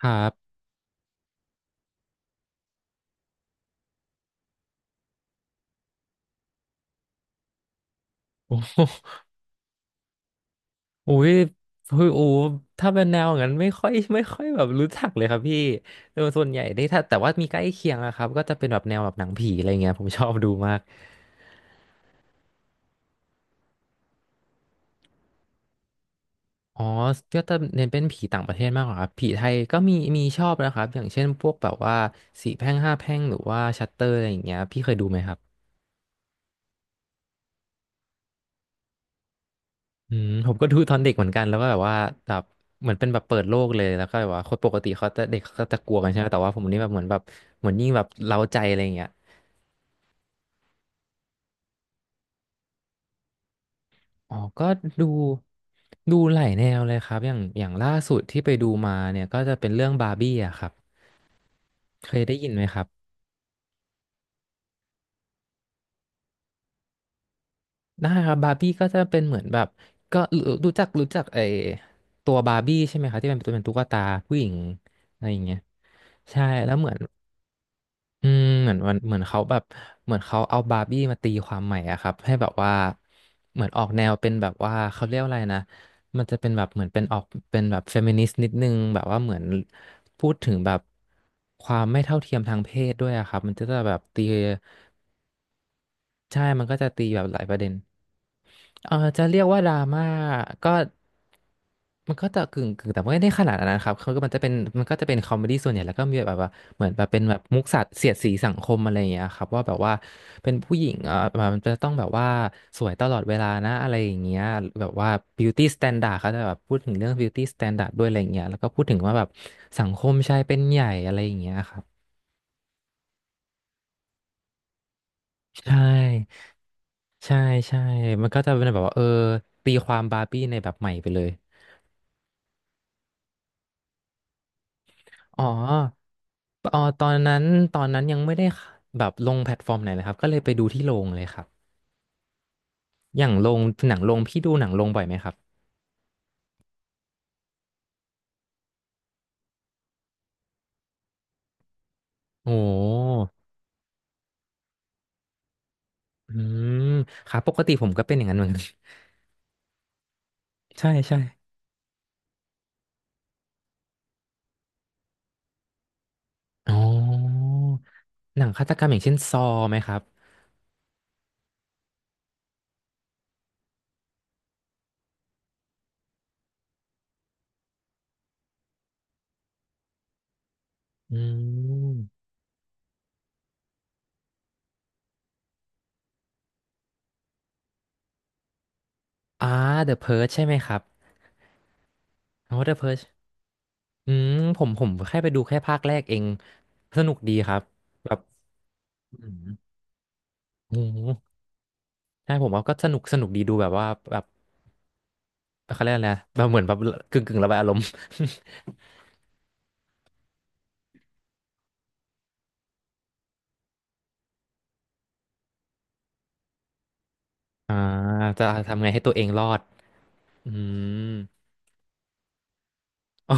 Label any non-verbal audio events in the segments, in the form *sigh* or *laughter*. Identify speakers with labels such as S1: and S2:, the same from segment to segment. S1: ครับโอ้โหอุ้ยคือโอ้ถ้าเป็นแนวอย่างนั้นไม่ค่อย *laughs* ไม่ค่อยแบบรู้จักเลยครับพี่โดยส่วนใหญ่นี่ถ้าแต่ว่ามีใกล้เคียงอะครับก็จะเป็นแบบแนวแบบหนังผีอะไรเงี้ยผมชอบดูมากอ๋อก็จะเน้นเป็นผีต่างประเทศมากกว่าครับผีไทยก็มีชอบนะครับอย่างเช่นพวกแบบว่าสี่แพร่งห้าแพร่งหรือว่าชัตเตอร์อะไรอย่างเงี้ยพี่เคยดูไหมครับอืมผมก็ดูตอนเด็กเหมือนกันแล้วก็แบบว่าแบบเหมือนเป็นแบบเปิดโลกเลยแล้วก็แบบว่าคนปกติเขาจะเด็กเขาจะกลัวกันใช่ไหมแต่ว่าผมนี่แบบเหมือนแบบเหมือนยิ่งแบบเร้าใจอะไรอย่างเงี้ย อ๋อก็ดูดูหลายแนวเลยครับอย่างล่าสุดที่ไปดูมาเนี่ยก็จะเป็นเรื่องบาร์บี้อะครับเคยได้ยินไหมครับได้ครับบาร์บี้ก็จะเป็นเหมือนแบบก็รู้จักไอตัวบาร์บี้ใช่ไหมครับที่เป็นตัวเป็นตุ๊กตาผู้หญิงอะไรอย่างเงี้ยใช่แล้วเหมือน อืมเหมือนวันเหมือนเขาแบบเหมือนเขาเอาบาร์บี้มาตีความใหม่อะครับให้แบบว่าเหมือนออกแนวเป็นแบบว่าเขาเรียกอะไรนะมันจะเป็นแบบเหมือนเป็นออกเป็นแบบเฟมินิสต์นิดนึงแบบว่าเหมือนพูดถึงแบบความไม่เท่าเทียมทางเพศด้วยอะครับมันจะแบบตีใช่มันก็จะตีแบบหลายประเด็น เออจะเรียกว่าดราม่าก็มันก็จะกึ่งกึ่งแต่ไม่ได้ขนาดนั้นนะครับคือมันจะเป็นมันก็จะเป็นคอมเมดี้ส่วนใหญ่แล้วก็มีแบบว่าเหมือนแบบเป็นแบบมุกสัตว์เสียดสีสังคมอะไรอย่างเงี้ยครับว่าแบบว่าเป็นผู้หญิงเออมันจะต้องแบบว่าสวยตลอดเวลานะอะไรอย่างเงี้ยแบบว่า beauty standard เขาจะแบบพูดถึงเรื่อง beauty standard ด้วยอะไรอย่างเงี้ยแล้วก็พูดถึงว่าแบบสังคมชายเป็นใหญ่อะไรอย่างเงี้ยครับใช่ใช่ใช่มันก็จะเป็นแบบว่าเออตีความบาร์บี้ในแบบใหม่ไปเลย อ๋ออ๋อตอนนั้นตอนนั้นยังไม่ได้แบบลงแพลตฟอร์มไหนเลยครับก็เลยไปดูที่โรงเลยครับอย่างโรงหนังโรงพี่ดูหนังโรงบ่อยไหมครับโอ้อืมครับปกติผมก็เป็นอย่างนั้นเหมือนกัน *laughs* ใช่อ๋อหนังฆาตกรรมอย่างเช่นซอไหมครับอืมอ่า The Purge ใช่ไหมครับอ๋อ The Purge อืมผมแค่ไปดูแค่ภาคแรกเองสนุกดีครับแบบอืมโอ้โหใช่ผมว่าก็สนุกดีดูแบบว่าแบบ เขาเรียกอะไรนะแบบเหมือนแบบกึ่งกึ่งระบายอารมณ์ *laughs* อ่าจะทำไงให้ตัวเองรอดอืมอ๋อ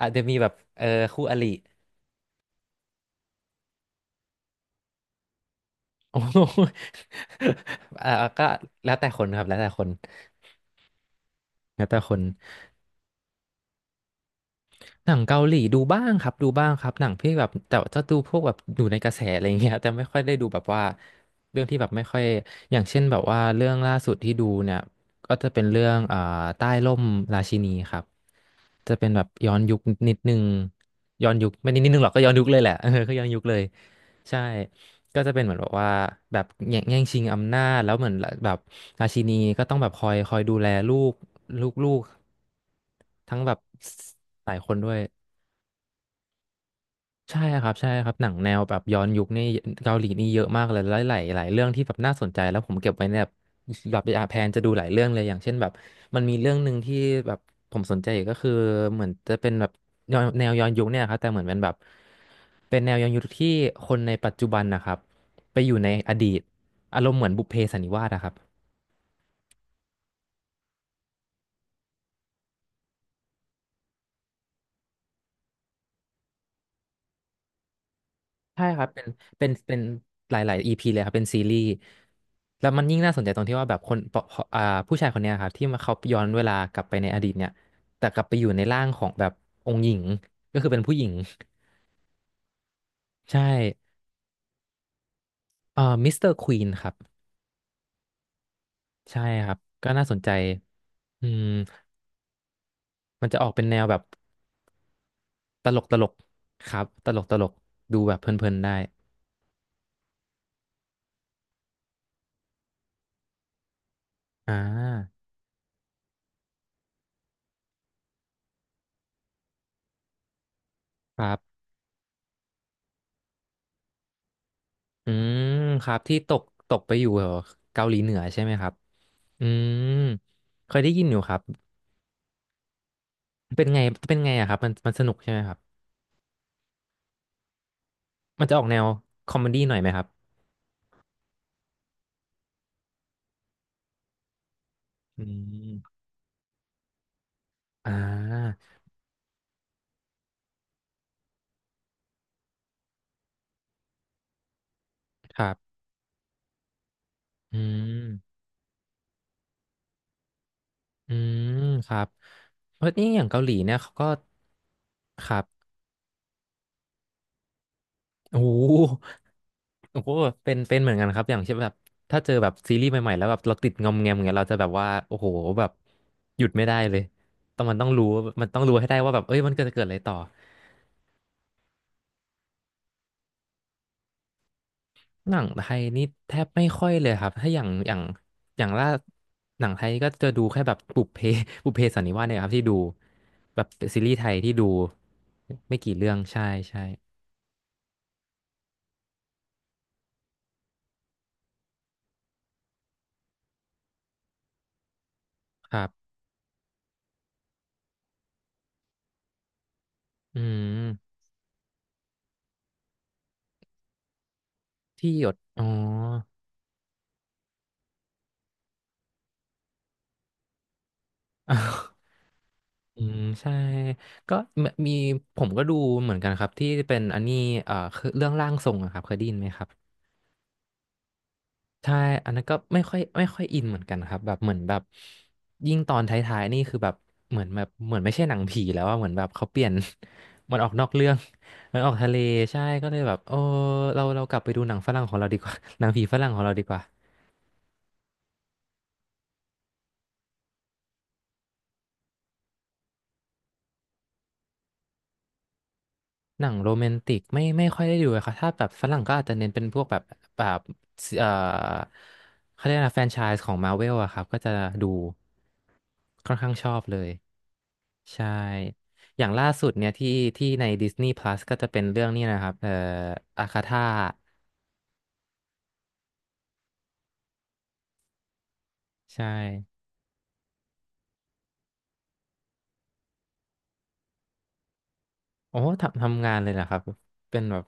S1: อาจจะมีแบบเออคู่อริโอ้ *laughs* โหอ่าก็แล้วแต่คนครับแล้วแต่คนหนังเกาหลีดูบ้างครับหนังที่แบบแต่จะดูพวกแบบอยู่ในกระแสอะไรอย่างเงี้ยแต่ไม่ค่อยได้ดูแบบว่าเรื่องที่แบบไม่ค่อยอย่างเช่นแบบว่าเรื่องล่าสุดที่ดูเนี่ยก็จะเป็นเรื่องอ่าใต้ร่มราชินีครับ จะเป็นแบบย้อนยุคนิดนึงย้อนยุคไม่นิดนึงหรอกก็ย้อนยุคเลยแหละเออก็ย้อนยุคเลยใช่ก็จะเป็นเหมือนแบบว่าแบบแย่งชิงอำนาจแล้วเหมือนแบบราชินีก็ต้องแบบคอยดูแลลูกทั้งแบบหลายคนด้วย ใช่ครับหนังแนวแบบย้อนยุคนี่เกาหลีนี่เยอะมากเลยหลายเรื่องที่แบบน่าสนใจแล้วผมเก็บไว้เนี่ยแบบแบบแพลนจะดูหลายเรื่องเลยอย่างเช่นแบบมันมีเรื่องหนึ่งที่แบบผมสนใจอีกก็คือเหมือนจะเป็นแบบย้อนแนวย้อนยุคเนี่ยครับแต่เหมือนเป็นแบบเป็นแนวย้อนยุคที่คนในปัจจุบันนะครับไปอยู่ในอดีตอารมณ์เหมือนบุพเพสันนิวาสอะครับ ใช่ครับเป็นหลายๆ EP เลยครับเป็นซีรีส์แล้วมันยิ่งน่าสนใจตรงที่ว่าแบบคนปอ่าผู้ชายคนเนี้ยครับที่มาเขาย้อนเวลากลับไปในอดีตเนี่ยแต่กลับไปอยู่ในร่างของแบบองค์หญิงก็คือเป็นผู้หญิง *laughs* ใช่มิสเตอร์ควีนครับใช่ครับก็น่าสนใจอืมมันจะออกเป็นแนวแบบตลกตลกครับตลกตลกดูแบบเพลินๆได้อ่าครับอืมครับที่ตกไปอยู่เหรอเกาหลีเหนือใช่ไหมครับ อืมเคยได้ยินอยู่ครับเป็นไงเป็นไงอะครับมันสนุกใช่ไหมครับมันจะออกแนวคอมเมดี้หน่อยไหมครับอืมอ่าครับอืมอืมครับเพราะนี่อย่างเกาหลีเนี่ยเขาก็ครับโอ้โหโอ้โหเป็นเหมือนกันครับอย่างเช่นแบบถ้าเจอแบบซีรีส์ใหม่ๆแล้วแบบเราติดงอมแงมอย่างเงี้ยเราจะแบบว่าโอ้โหแบบหยุดไม่ได้เลยต้องมันต้องรู้มันต้องรู้ให้ได้ว่าแบบเอ้ยมันเกิดจะเกิดอะไรต่อ หนังไทยนี่แทบไม่ค่อยเลยครับถ้าอย่างอย่างล่าหนังไทยก็จะดูแค่แบบบุพเพ *laughs* บุพเพสันนิวาสเนี่ยครับที่ดูแบบซีรีส์ไทยที่ดูไม่กี่เรื่องใช่ใช่ครับอืมที่หยดอ๋อ *laughs* อืมใช่ก็มมีผมก็ดูเหมือนกันครับที่เป็นอันนี้คือเรื่องร่างทรงอะครับเคยได้ยินไหมครับ ใช่ อันนั้นก็ไม่ค่อยอินเหมือนกันครับแบบเหมือนแบบยิ่งตอนท้ายๆนี่คือแบบเหมือนไม่ใช่หนังผีแล้วอะเหมือนแบบเขาเปลี่ยน *laughs* มันออกนอกเรื่องมันออกทะเลใช่ก็เลยแบบโอ้เรากลับไปดูหนังฝรั่งของเราดีกว่า *laughs* หนังผีฝรั่งของเราดีกว่าหนังโรแมนติกไม่ค่อยได้ดูเลยครับถ้าแบบฝรั่งก็อาจจะเน้นเป็นพวกแบบแบบเอ่อเขาเรียกอะไรนะแฟรนไชส์ของมาเวลอะครับก็จะดูค่อนข้างชอบเลย ใช่ อย่างล่าสุดเนี่ยที่ที่ใน Disney Plus ก็จะเป็นเรื่องนี้นะครับ อาคาธาใช่โอ้ทำงานเลยเหรอครับเป็นแบบ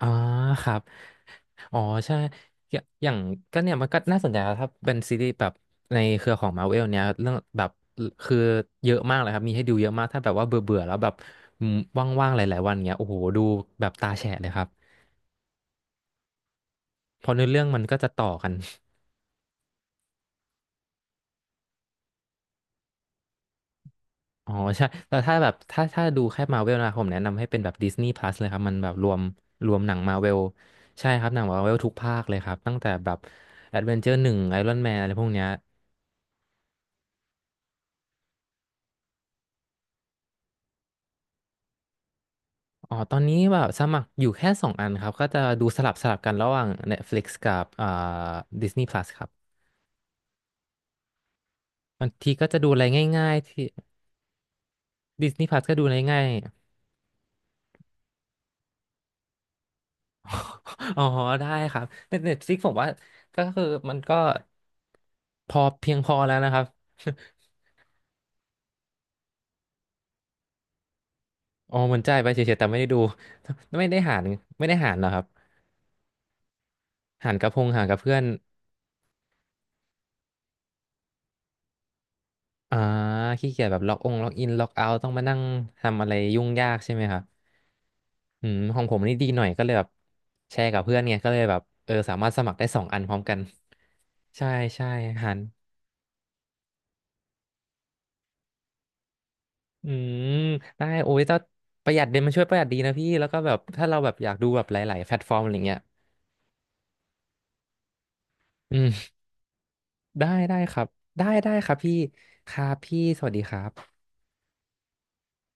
S1: อ๋อครับอ๋อใช่อย่างก็เนี่ยมันก็น่าสนใจครับถ้าเป็นซีรีส์แบบในเครือของ Marvel เนี่ยเรื่องแบบคือเยอะมากเลยครับมีให้ดูเยอะมากถ้าแบบว่าเบื่อเบื่อแล้วแบบอืมว่างๆหลายๆวันเงี้ยโอ้โหดูแบบตาแฉะเลยครับเพราะเนื้อเรื่องมันก็จะต่อกัน อ๋อใช่แต่ถ้าแบบถ้าดูแค่มาเวลนะผมแนะนำให้เป็นแบบดิสนีย์พลัสเลยครับมันแบบรวมหนังมาเวลใช่ครับหนังมาเวลทุกภาคเลยครับตั้งแต่แบบแอดเวนเจอร์หนึ่งไอรอนแมนอะไรพวกเนี้ยอ๋อตอนนี้แบบสมัครอยู่แค่สองอันครับก็จะดูสลับกันระหว่าง Netflix กับอ่า Disney Plus ครับบางทีก็จะดูอะไรง่ายๆที่ Disney Plus ก็ดูอะไรง่ายๆ *laughs* อ๋อได้ครับแต่ Netflix ผมว่าก็คือมันก็เพียงพอแล้วนะครับ อ๋อมันจ่ายไปเฉยๆแต่ไม่ได้ดู *laughs* ไม่ได้หารไม่ได้หารเหรอครับหารกับพงหารกับเพื่อน อ่า ขี้เกียจแบบล็อกอินล็อกเอาต้องมานั่งทำอะไรยุ่งยากใช่ไหมครับอืมของผมนี่ดีหน่อยก็เลยแบบแชร์กับเพื่อนไงก็เลยแบบเออสามารถสมัครได้สองอันพร้อมกันใช่ใช่หันอืมได้โอ้ยถ้าประหยัดเดนี่ยมันช่วยประหยัดดีนะพี่ แล้วก็แบบถ้าเราแบบอยากดูแบบหลายๆแพลตฟอร์มอะไรเงี้ยอืมได้ครับ ได้ครับพี่ครับพี่สวัสดีครับ